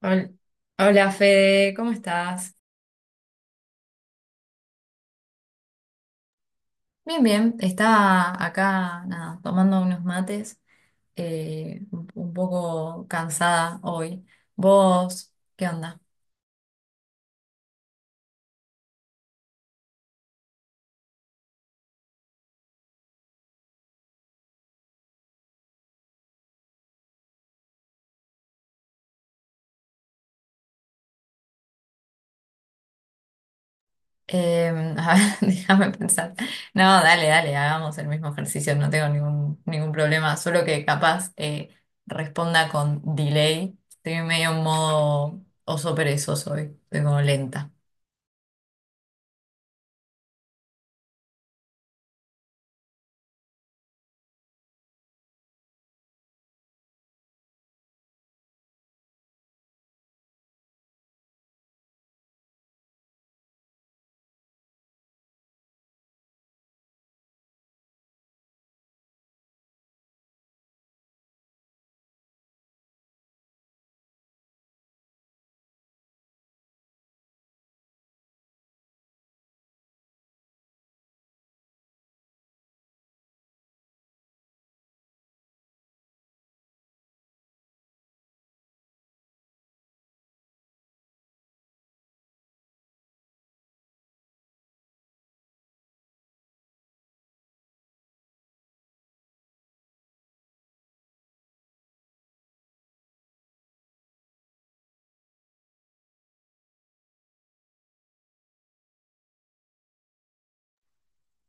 Hol- Hola Fede, ¿cómo estás? Bien, bien, estaba acá nada, tomando unos mates, un poco cansada hoy. ¿Vos qué onda? Eh, a ver, déjame pensar. No, dale, dale, hagamos el mismo ejercicio, no tengo ningún problema, solo que capaz responda con delay. Estoy medio en modo oso perezoso hoy, estoy como lenta.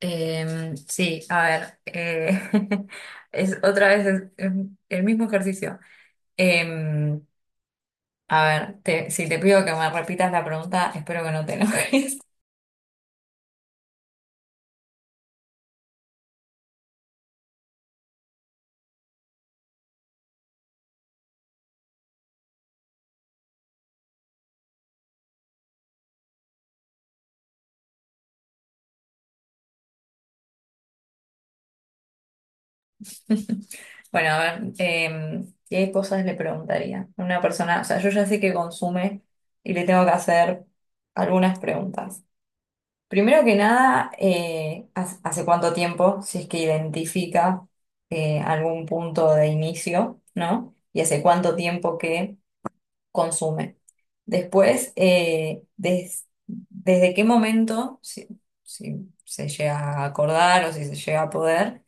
Sí, a ver, es otra vez es el mismo ejercicio. Em, a ver, si te pido que me repitas la pregunta, espero que no te enojes. Bueno, a ver, ¿qué cosas le preguntaría a una persona? O sea, yo ya sé que consume y le tengo que hacer algunas preguntas. Primero que nada, ¿hace cuánto tiempo, si es que identifica algún punto de inicio, ¿no? Y hace cuánto tiempo que consume. Después, desde qué momento, si se llega a acordar o si se llega a poder,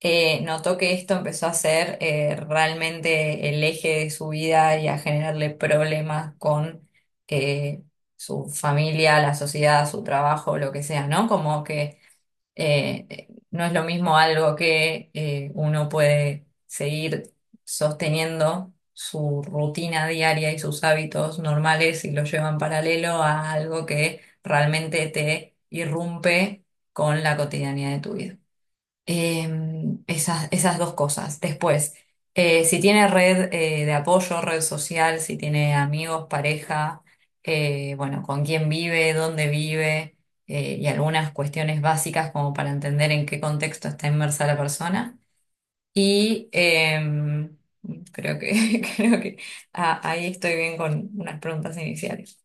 notó que esto empezó a ser realmente el eje de su vida y a generarle problemas con eh, su familia, la sociedad, su trabajo, lo que sea, ¿no? Como que no es lo mismo algo que uno puede seguir sosteniendo su rutina diaria y sus hábitos normales y lo lleva en paralelo a algo que realmente te irrumpe con la cotidianidad de tu vida. Esas dos cosas. Después, si tiene red de apoyo, red social, si tiene amigos, pareja, bueno, con quién vive, dónde vive, y algunas cuestiones básicas como para entender en qué contexto está inmersa la persona. Y creo que ahí estoy bien con unas preguntas iniciales.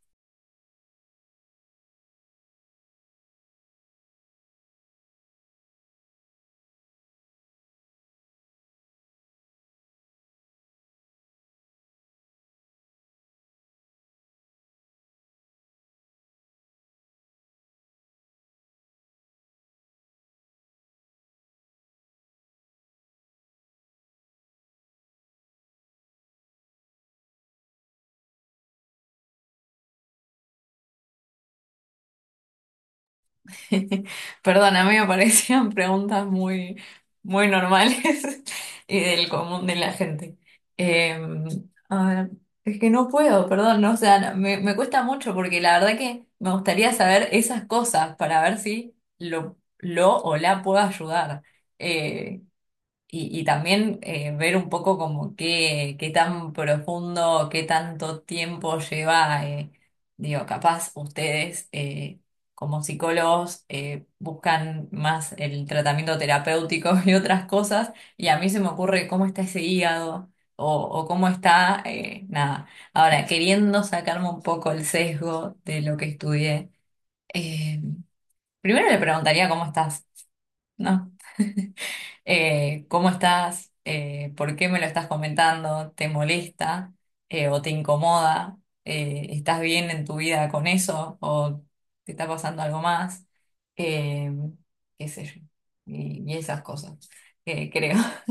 Perdón, a mí me parecían preguntas muy normales y del común de la gente. Eh, a ver, es que no puedo, perdón, no, o sea, no, me cuesta mucho porque la verdad que me gustaría saber esas cosas para ver si lo o la puedo ayudar. Eh, y también ver un poco como qué tan profundo, qué tanto tiempo lleva, digo, capaz ustedes como psicólogos buscan más el tratamiento terapéutico y otras cosas, y a mí se me ocurre cómo está ese hígado o cómo está, nada. Ahora, queriendo sacarme un poco el sesgo de lo que estudié, eh, primero le preguntaría cómo estás, ¿no? ¿Cómo estás? ¿Por qué me lo estás comentando? ¿Te molesta o te incomoda? ¿Estás bien en tu vida con eso o te está pasando algo más? Eh, qué sé yo, y esas cosas, creo.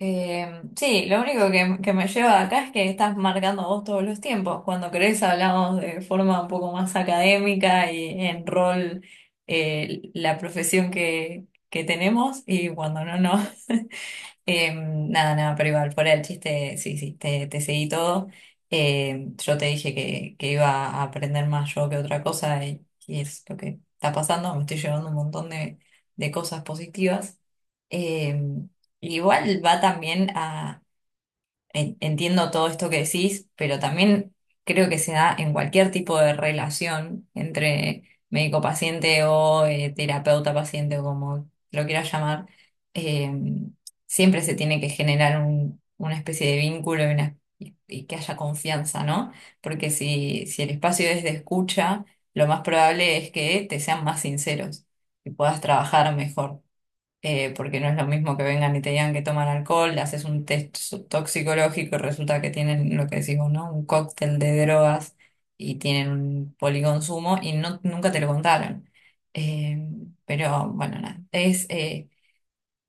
Sí, lo único que me lleva acá es que estás marcando vos todos los tiempos. Cuando querés hablamos de forma un poco más académica y en rol la profesión que tenemos y cuando no, no. Nada, pero igual, fuera del chiste, sí, sí, te seguí todo. Em, yo te dije que iba a aprender más yo que otra cosa y es lo que está pasando. Me estoy llevando un montón de cosas positivas. Em, igual va también a entiendo todo esto que decís, pero también creo que se da en cualquier tipo de relación entre médico-paciente o terapeuta-paciente o como lo quieras llamar. eh, siempre se tiene que generar una especie de vínculo y, y que haya confianza, ¿no? Porque si el espacio es de escucha, lo más probable es que te sean más sinceros y puedas trabajar mejor porque no es lo mismo que vengan y te digan que toman alcohol, le haces un test toxicológico y resulta que tienen lo que decimos, ¿no? Un cóctel de drogas y tienen un policonsumo y no, nunca te lo contaron. Eh, pero bueno, nada, es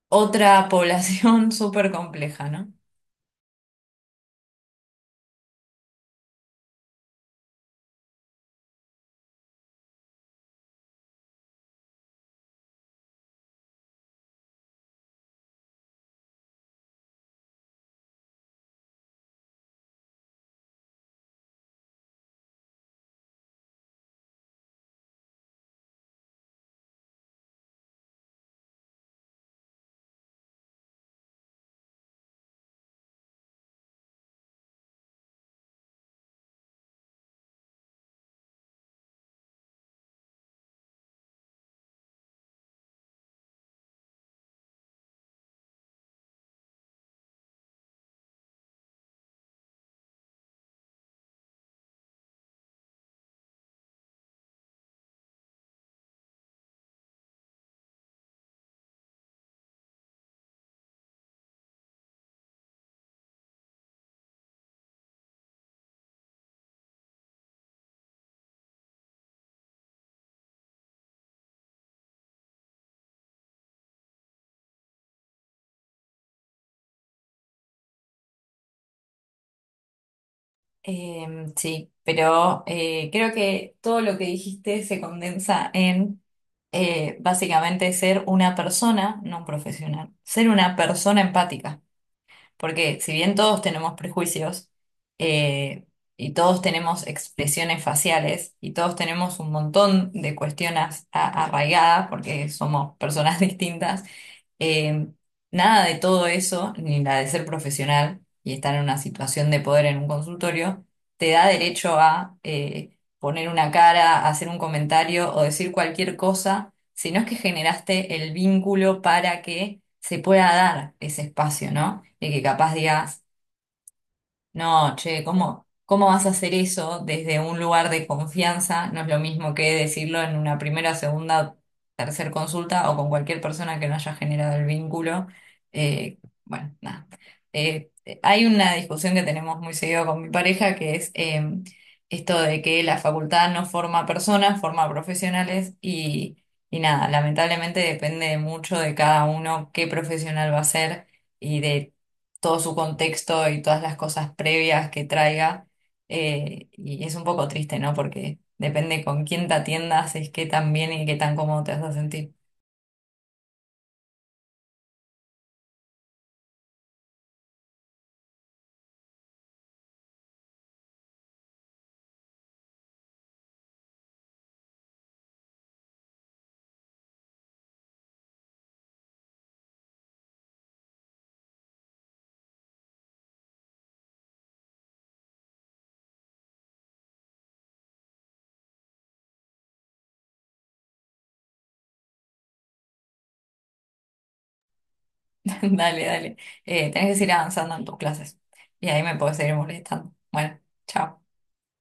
otra población súper compleja, ¿no? Eh, sí, pero creo que todo lo que dijiste se condensa en básicamente ser una persona, no un profesional, ser una persona empática. Porque si bien todos tenemos prejuicios eh, y todos tenemos expresiones faciales y todos tenemos un montón de cuestiones arraigadas porque somos personas distintas, eh, nada de todo eso, ni la de ser profesional y estar en una situación de poder en un consultorio, te da derecho a poner una cara, hacer un comentario o decir cualquier cosa, sino es que generaste el vínculo para que se pueda dar ese espacio, ¿no? Y que capaz digas no, che, ¿cómo vas a hacer eso desde un lugar de confianza? No es lo mismo que decirlo en una primera, segunda, tercer consulta o con cualquier persona que no haya generado el vínculo. Eh, bueno, nada. Hay una discusión que tenemos muy seguido con mi pareja que es esto de que la facultad no forma personas, forma profesionales y nada, lamentablemente depende mucho de cada uno qué profesional va a ser y de todo su contexto y todas las cosas previas que traiga. Y es un poco triste, ¿no? Porque depende con quién te atiendas, es qué tan bien y qué tan cómodo te vas a sentir. Dale, dale. Tenés que seguir avanzando en tus clases. Y ahí me puedes seguir molestando. Bueno, chao.